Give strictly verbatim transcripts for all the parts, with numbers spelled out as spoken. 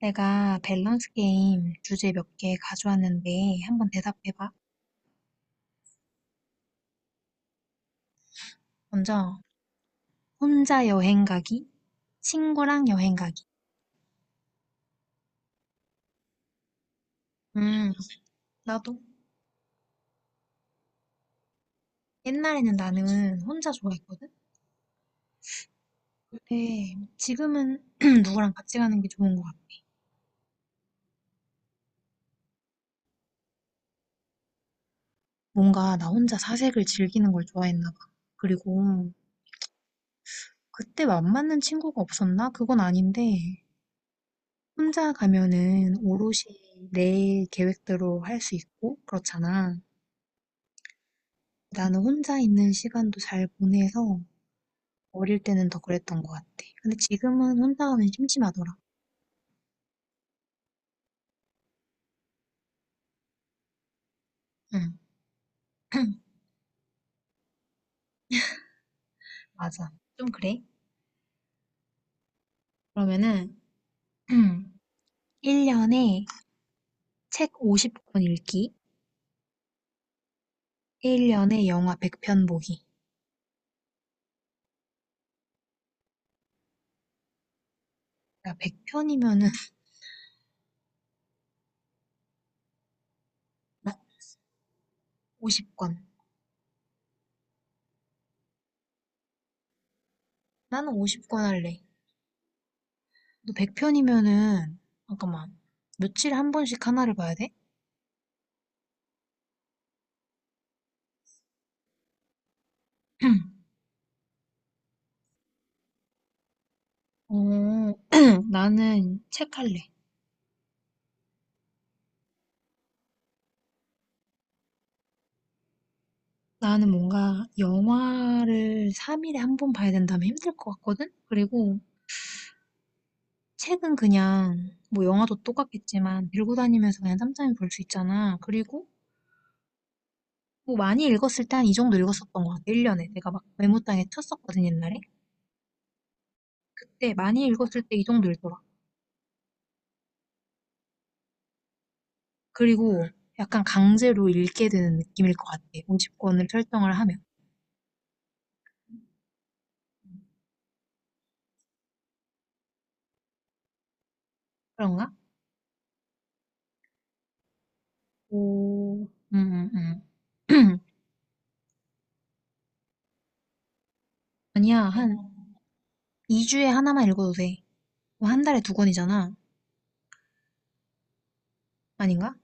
내가 밸런스 게임 주제 몇 개 가져왔는데 한번 대답해봐. 먼저, 혼자 여행 가기, 친구랑 여행 가기. 음, 나도. 옛날에는 나는 혼자 좋아했거든? 근데 지금은 누구랑 같이 가는 게 좋은 것 같아. 뭔가 나 혼자 사색을 즐기는 걸 좋아했나 봐. 그리고 그때 맘 맞는 친구가 없었나? 그건 아닌데, 혼자 가면은 오롯이 내 계획대로 할 수 있고, 그렇잖아. 나는 혼자 있는 시간도 잘 보내서 어릴 때는 더 그랬던 것 같아. 근데 지금은 혼자 가면 심심하더라. 응, 맞아. 좀 그래. 그러면은 일 년에 책 오십 권 읽기, 일 년에 영화 백 편 보기. 야, 백 편이면은 오십 권. 나는 오십 권 할래. 너 백 편이면은 잠깐만. 며칠에 한 번씩 하나를 봐야 돼? 어, 나는 책 할래. 나는 뭔가 영화를 삼 일에 한 번 봐야 된다면 힘들 것 같거든? 그리고 책은 그냥 뭐 영화도 똑같겠지만 들고 다니면서 그냥 짬짬이 볼 수 있잖아. 그리고 뭐 많이 읽었을 때 한 이 정도 읽었었던 것 같아. 일 년에. 내가 막 메모장에 쳤었거든, 옛날에. 그때 많이 읽었을 때 이 정도 읽더라. 그리고 약간 강제로 읽게 되는 느낌일 것 같아. 오십 권을 설정을 하면. 그런가? 오, 응, 응, 응. 아니야, 한 이 주에 하나만 읽어도 돼. 뭐한 달에 두 권이잖아. 아닌가?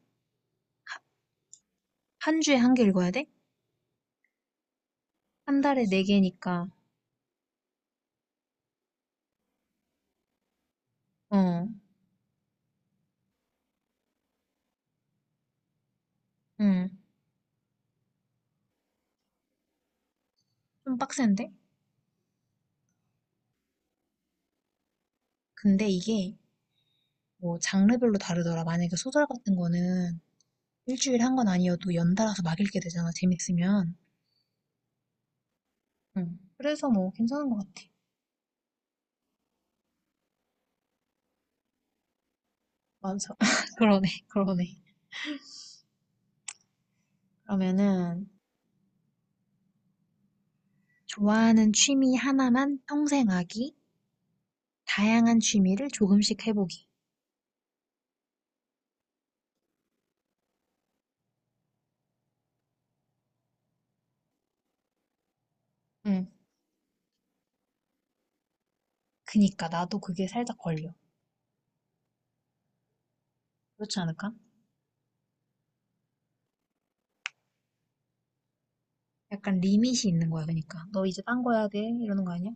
한 주에 한 개 읽어야 돼? 한 달에 네 개니까, 어, 응, 좀 빡센데? 근데 이게 뭐 장르별로 다르더라. 만약에 소설 같은 거는 일주일에 한 건 아니어도 연달아서 막 읽게 되잖아, 재밌으면. 응. 그래서 뭐 괜찮은 것 같아. 맞아. 그러네, 그러네. 그러면은, 좋아하는 취미 하나만 평생 하기, 다양한 취미를 조금씩 해보기. 응. 그니까 나도 그게 살짝 걸려. 그렇지 않을까? 약간 리밋이 있는 거야, 그러니까. 너 이제 딴 거 해야 돼? 이러는 거 아니야?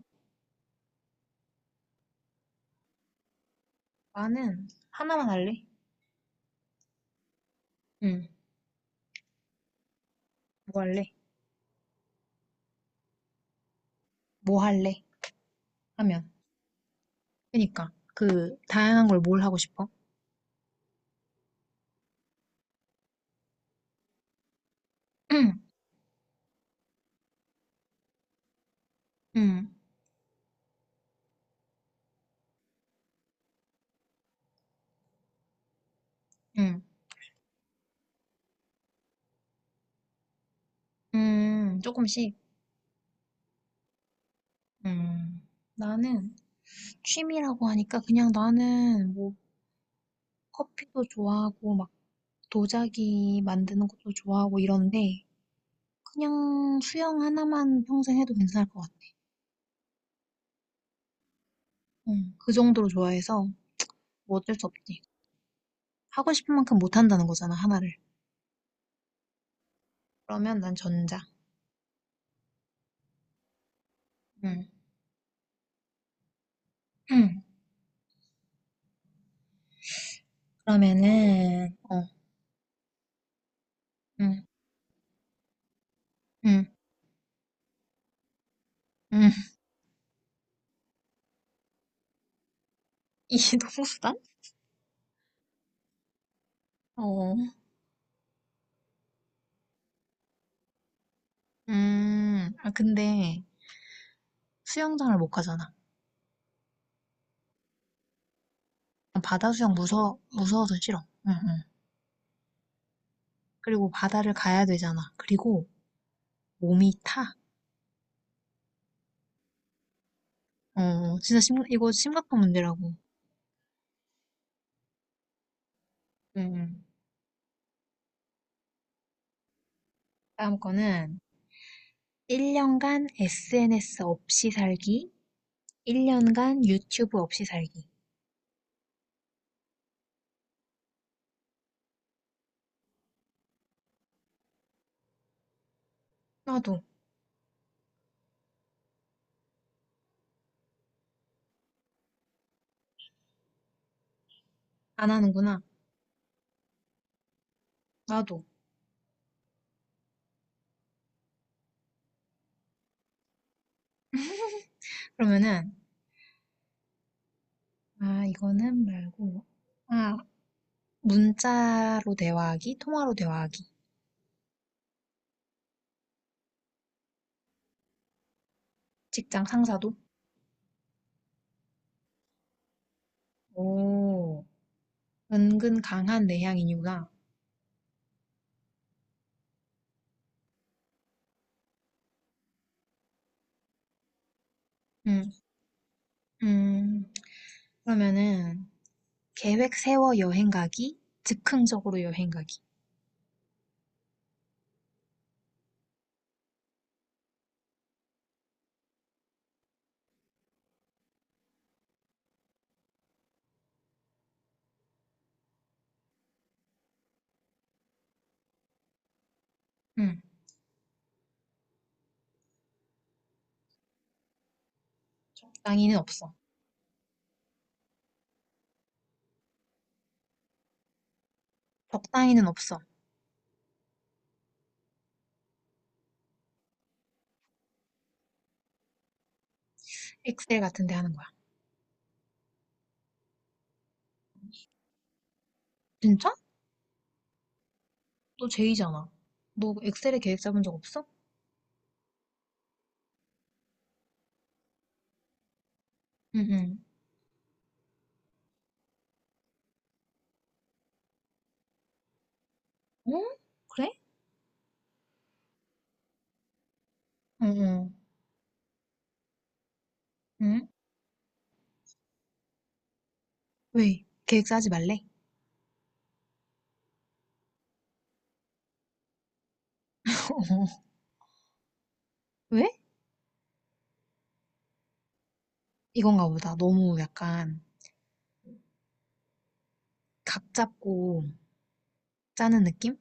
나는 하나만 할래. 응. 뭐 할래? 뭐 할래? 하면. 그러니까 그 다양한 걸 뭘 하고 싶어? 응. 응. 응. 음, 조금씩. 음. 나는 취미라고 하니까 그냥 나는 뭐 커피도 좋아하고 막 도자기 만드는 것도 좋아하고 이런데 그냥 수영 하나만 평생 해도 괜찮을 것 같아. 응. 그 정도로 좋아해서 뭐 어쩔 수 없지. 하고 싶은 만큼 못 한다는 거잖아, 하나를. 그러면 난 전자. 응. 응. 그러면은, 어, 응, 응, 응. 이 동수단? 어, 음, 아, 근데 수영장을 못 가잖아. 난 바다 수영 무서워, 무서워서 싫어. 응, 응. 그리고 바다를 가야 되잖아. 그리고 몸이 타. 어, 진짜 심, 이거 심각한 문제라고. 응, 응. 다음 거는 일 년간 에스엔에스 없이 살기, 일 년간 유튜브 없이 살기. 나도 안 하는구나. 나도. 그러면은, 아, 이거는 말고, 아, 문자로 대화하기, 통화로 대화하기. 직장 상사도. 오, 은근 강한 내향인 이유가. 음, 음, 그러면은, 계획 세워 여행 가기, 즉흥적으로 여행 가기. 음, 적당히는 없어. 적당히는 없어. 엑셀 같은 데 하는 거야. 진짜? 너 제이잖아. 너 엑셀에 계획 짜본 적 없어? 응, 응. 어? 그래? 응, 응. 응? 왜? 계획 짜지 말래? 왜? 이건가 보다. 너무 약간 각 잡고 짜는 느낌?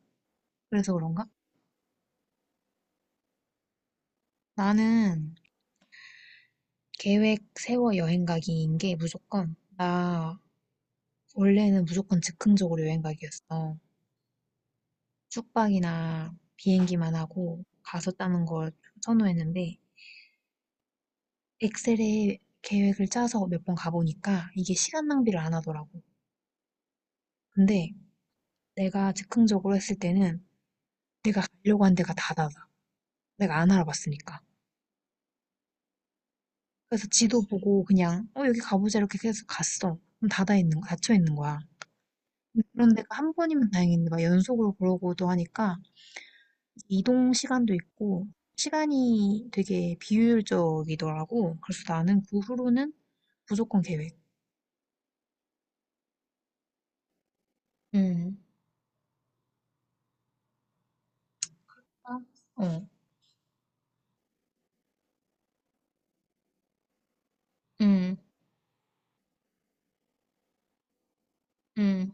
그래서 그런가? 나는 계획 세워 여행 가기인 게 무조건 나, 원래는 무조건 즉흥적으로 여행 가기였어. 숙박이나 비행기만 하고 가서 짜는 걸 선호했는데 엑셀에 계획을 짜서 몇 번 가보니까 이게 시간 낭비를 안 하더라고. 근데 내가 즉흥적으로 했을 때는 내가 가려고 한 데가 다 닫아. 내가 안 알아봤으니까. 그래서 지도 보고 그냥 어 여기 가보자 이렇게 계속 갔어. 그럼 닫아 있는 거, 닫혀 있는 거야. 그런 데가 한 번이면 다행인데 막 연속으로 그러고도 하니까 이동 시간도 있고 시간이 되게 비효율적이더라고. 그래서 나는 그 후로는 무조건 계획. 음, 아, 어. 음, 음,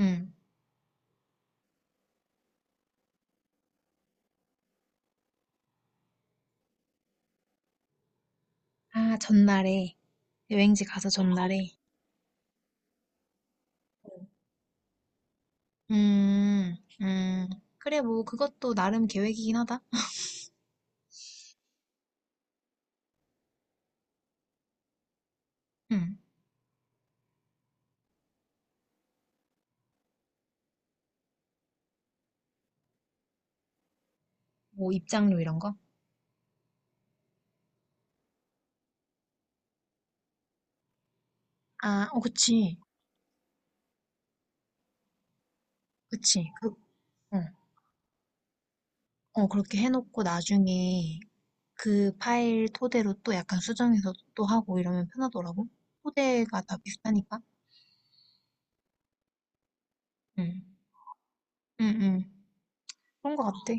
음. 아, 전날에. 여행지 가서 전날에 음, 음. 그래, 뭐, 그것도 나름 계획이긴 하다. 음. 뭐, 입장료 이런 거? 아, 어, 그치. 그치. 그- 어, 어, 그렇게 해놓고 나중에 그 파일 토대로 또 약간 수정해서 또 하고 이러면 편하더라고. 토대가 다 비슷하니까. 응, 응, 응. 그런 것 같아.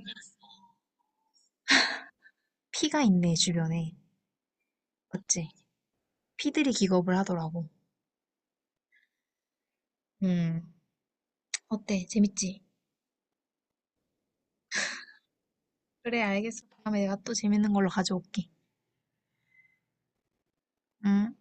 피가 있네, 주변에. 맞지? 피들이 기겁을 하더라고. 음. 어때? 재밌지? 그래, 알겠어. 다음에 내가 또 재밌는 걸로 가져올게. 응?